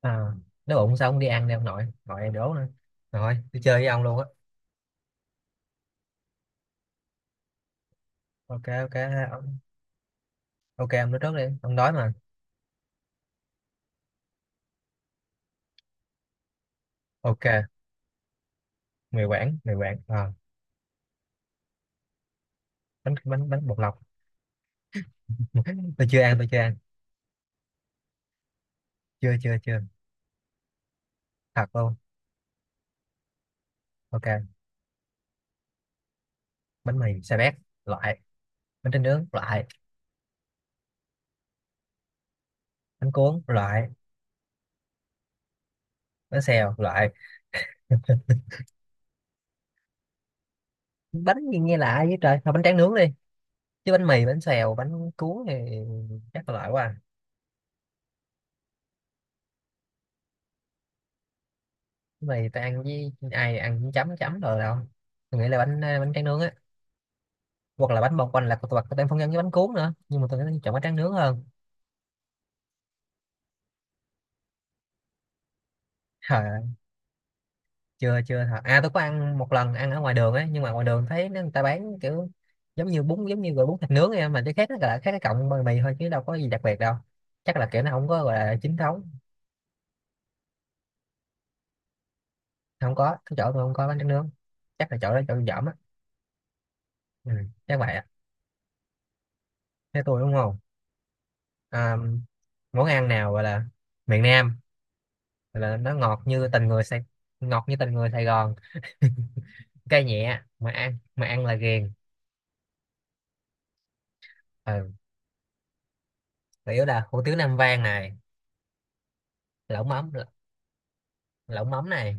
à, Nếu bụng sao ông đi ăn đi ông nội, nội em đố nữa rồi đi chơi với ông luôn á. Ok, ông, ok ông nói trước đi, ông đói mà. Ok, mì quảng mì quảng à, bánh bánh bánh bột lọc. Tôi chưa ăn. Chưa chưa chưa thật luôn. Ok, bánh mì xà bét loại, bánh tráng nướng loại, bánh cuốn loại, bánh xèo loại. Bánh gì nghe lạ vậy trời, thôi bánh tráng nướng đi, chứ bánh mì, bánh xèo, bánh cuốn thì chắc là loại quá à. Bánh mì tôi ăn với ai, ăn với chấm chấm rồi đâu. Tôi nghĩ là bánh bánh tráng nướng á, hoặc là bánh bông quanh, là hoặc có tem phong nhân với bánh cuốn nữa, nhưng mà tôi thấy chọn bánh tráng nướng hơn. Trời ơi, chưa chưa thật. Tôi có ăn một lần, ăn ở ngoài đường ấy, nhưng mà ngoài đường thấy người ta bán kiểu giống như bún, giống như gọi bún thịt nướng ấy, mà cái khác nó là khác cái cọng bánh mì thôi, chứ đâu có gì đặc biệt đâu. Chắc là kiểu nó không có gọi là chính thống. Không có, cái chỗ tôi không có bánh tráng nướng, chắc là chỗ đó chỗ dởm á. Ừ, chắc vậy á. Thế tôi đúng không? à, Món ăn nào gọi là miền Nam, gọi là nó ngọt như tình người Sài, ngọt như tình người Sài Gòn. Cay nhẹ mà ăn, mà ăn là ghiền. Ừ. Chủ yếu là hủ tiếu Nam Vang này, lẩu mắm, lẩu mắm này,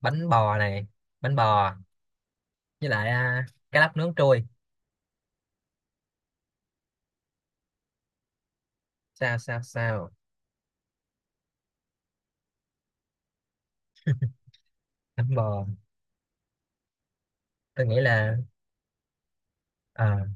bánh bò này, bánh bò, với lại cá lóc nướng trui. Sao sao sao? Bánh bò. Tôi nghĩ là, à,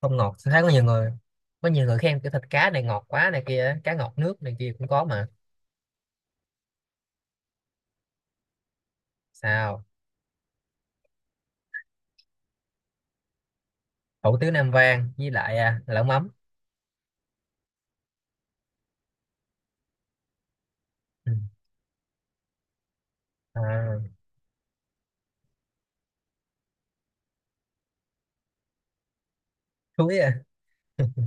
không ngọt, tôi thấy có nhiều người, có nhiều người khen cái thịt cá này ngọt quá này kia, cá ngọt nước này kia cũng có mà. Sao? Hủ tiếu Nam Vang với lại lẩu mắm. Ừ. à, Chuối à.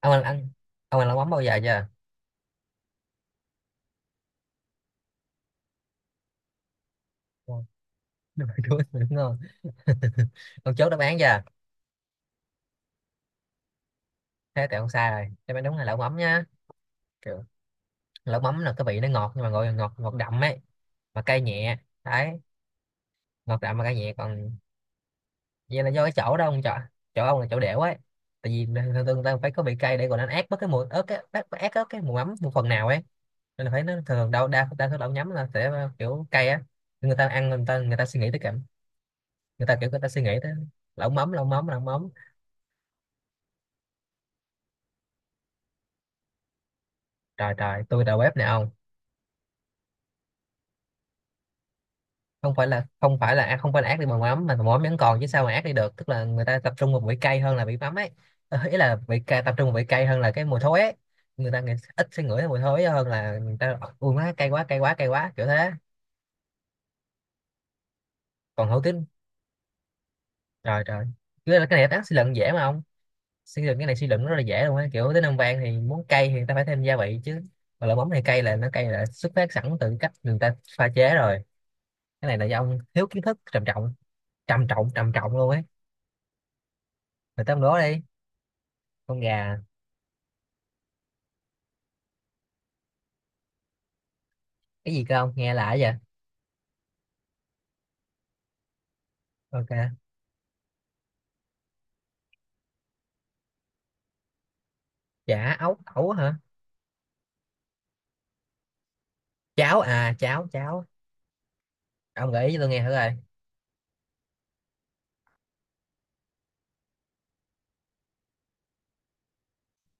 Ông ăn, ăn, ông ăn lẩu mắm bao giờ chưa? Ồ, đúng rồi, chuối đúng ngon. Ông chốt đáp án chưa? Thế thì ông sai rồi, đáp án đúng là lẩu mắm nha. Kiểu, lẩu mắm là cái vị nó ngọt, nhưng mà gọi là ngọt, ngọt đậm ấy, mà cay nhẹ. Đấy, ngọt đậm mà cay nhẹ, còn vậy là do cái chỗ đó ông chọn, chỗ ông là chỗ đẻo ấy. Tại vì thường thường ta phải có vị cay để còn đánh át bớt cái mùi ớt, cái ớt ớt ớt cái mùi mắm một phần nào ấy, nên là phải, nó thường đâu, đa đa số lẩu nhắm là sẽ kiểu cay á. Người ta ăn, người ta suy nghĩ tới cảm, người ta kiểu người ta suy nghĩ tới lẩu mắm lẩu mắm lẩu mắm. Trời trời, tôi đầu bếp nè ông. Không phải là ác đi bằng mắm mà mắm vẫn còn, chứ sao mà ác đi được, tức là người ta tập trung vào vị cay hơn là vị mắm ấy. Ờ, ý là vị cay, tập trung vào vị cay hơn là cái mùi thối ấy. Người ta nghĩ, ít sẽ ngửi thấy mùi thối hơn là người ta ui má cay quá, kiểu thế. Còn hữu tín. Trời trời, cái này suy luận dễ mà ông, suy luận cái này suy luận rất là dễ luôn á, kiểu tới Năm Vang thì muốn cay thì người ta phải thêm gia vị chứ, mà lẩu mắm này cay, là nó cay là xuất phát sẵn từ cách người ta pha chế rồi. Cái này là do ông thiếu kiến thức trầm trọng, trầm trọng luôn ấy. Người ta, ông đố đi. Con gà. Cái gì cơ, ông nghe lạ vậy? Ok. Chả ấu ẩu hả? Cháo à, cháo cháo. Ông gợi ý cho tôi nghe thử rồi.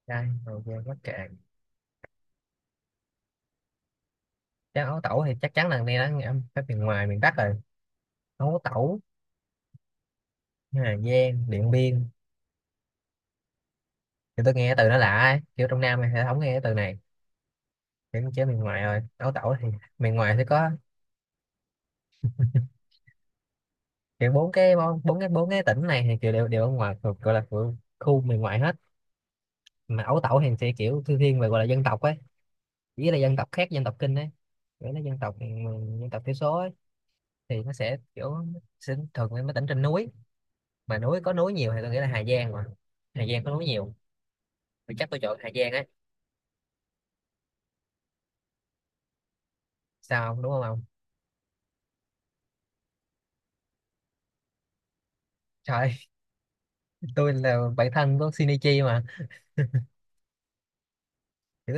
Đây ok, bắt cạn. Cháo ấu tẩu thì chắc chắn là nghe nó các miền ngoài, miền Bắc rồi. Ấu tẩu, Hà Giang, Điện Biên. Thì tôi nghe cái từ nó lạ ấy. Kiểu trong Nam thì không nghe cái từ này, kiểu chế miền ngoài rồi, ấu tẩu thì miền ngoài thì có. Kiểu bốn cái, bốn cái tỉnh này thì kiểu đều, đều ở ngoài, thuộc gọi là thuộc khu miền ngoại hết, mà ấu tẩu thì sẽ kiểu thư thiên về gọi là dân tộc ấy, chỉ là dân tộc khác dân tộc Kinh ấy, kiểu là dân tộc, dân tộc thiểu số ấy. Thì nó sẽ kiểu sẽ thường mấy, mấy tỉnh trên núi, mà núi có núi nhiều thì tôi nghĩ là Hà Giang mà, Hà Giang có núi nhiều, thì chắc tôi chọn Hà Giang ấy. Sao không đúng không ông? Trời ơi, tôi là bạn thân của Shinichi mà. kiểu,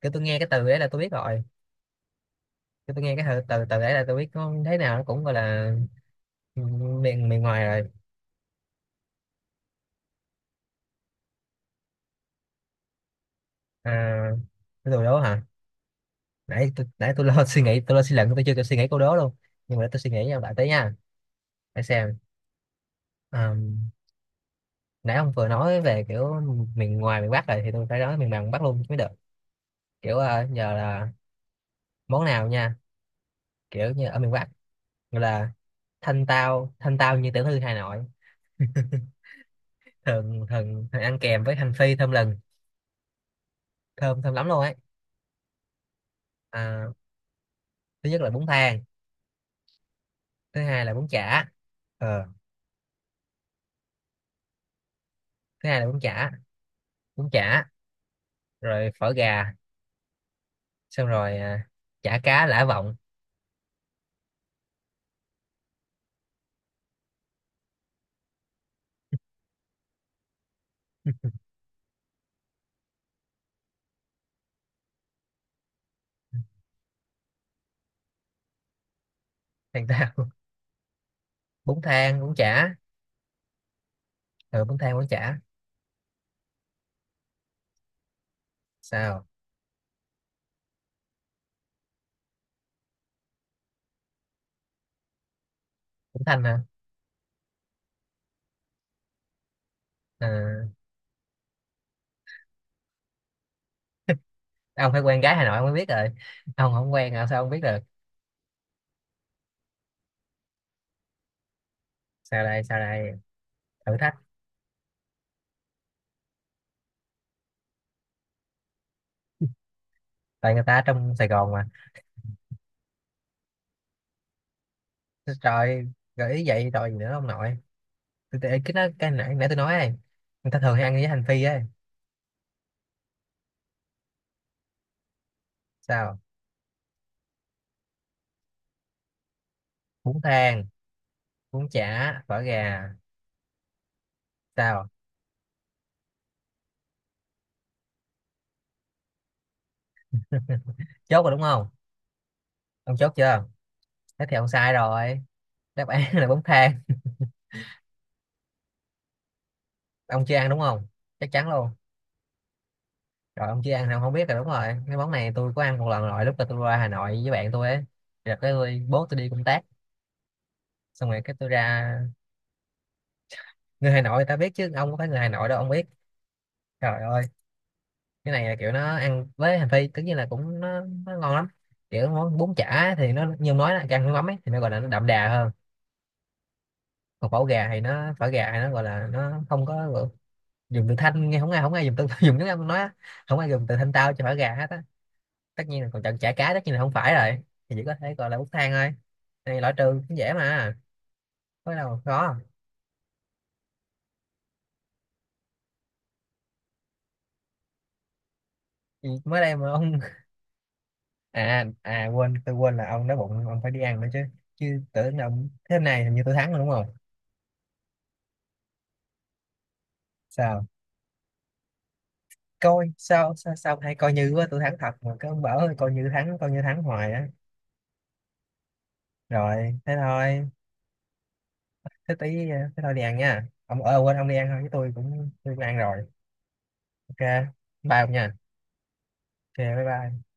Kiểu tôi nghe cái từ đấy là tôi biết rồi, kiểu tôi nghe cái từ từ từ đấy là tôi biết, có thế nào nó cũng gọi là miền miền ngoài rồi. À, cái đồ đó hả? Nãy tôi lo suy nghĩ, tôi lo suy luận, tôi chưa kịp suy nghĩ câu đó luôn. Nhưng mà để tôi suy nghĩ nha, lại tới nha, để xem. Ờ, nãy ông vừa nói về kiểu miền ngoài, miền Bắc rồi, thì tôi phải nói miền Nam, miền Bắc luôn chứ mới được. Kiểu nhờ là món nào nha, kiểu như ở miền Bắc gọi là thanh tao, thanh tao như tiểu thư Hà Nội. thường thường Thường ăn kèm với hành phi thơm lừng, thơm thơm lắm luôn ấy. à, Thứ nhất là bún thang, thứ hai là bún chả. Ờ, thứ hai là bún chả. Bún chả, rồi phở gà, xong rồi chả cá lã vọng. Thanh tao. Bún thang, bún chả. Ừ, bún thang, bún chả. Sao? Bún thanh hả? à, ông phải quen gái Hà Nội ông mới biết rồi, ông không quen hả sao ông biết được? Sao đây sao đây? Thử thách. Tại người ta ở trong Sài Gòn mà. Trời, gợi ý vậy rồi gì nữa ông nội? Tôi- cái nó cái nãy Nãy tôi nói ấy, người ta thường hay ăn với hành phi ấy. Sao? Bún thang, bún chả, phở gà. Sao? Ừ, chốt rồi đúng không? Ông chốt chưa? Thế thì ông sai rồi, đáp án là bún thang. Ông chưa ăn đúng không? Chắc chắn luôn. Rồi, ông chưa ăn thì ông không biết rồi. Đúng rồi, cái món này tôi có ăn một lần rồi lúc mà tôi ra Hà Nội với bạn tôi ấy, rồi cái tôi, bố tôi đi công tác, xong rồi cái tôi ra. Người Hà Nội người ta biết chứ, ông có phải người Hà Nội đâu ông biết. Trời ơi, cái này là kiểu nó ăn với hành phi, tất nhiên là cũng nó ngon lắm. Kiểu món bún chả thì nó như ông nói là càng nước mắm ấy, thì nó gọi là nó đậm đà hơn, còn phở gà thì nó, phở gà thì nó gọi là nó không có gọi- dùng từ thanh nghe không, không ai dùng từ dùng tiếng Anh nói á. Không ai dùng từ thanh tao cho phở gà hết á, tất nhiên là còn chọn chả cá tất nhiên là không phải rồi, thì chỉ có thể gọi là bút thang thôi. Này loại trừ cũng dễ mà, có đâu mà khó. Thì mới đây mà ông. À, quên, tôi quên là ông đói bụng ông phải đi ăn nữa chứ, chứ tưởng là ông thế này, hình như tôi thắng rồi đúng không? Sao? Coi sao sao sao, hay coi như quá, tôi thắng thật mà cứ bảo ơi, coi như thắng, coi như thắng hoài á. Rồi, thế thôi. Thế tí thế thôi đi ăn nha ông ơi, quên, ông đi ăn thôi, chứ tôi cũng ăn rồi. Ok, bye ông nha. Ok, bye bye.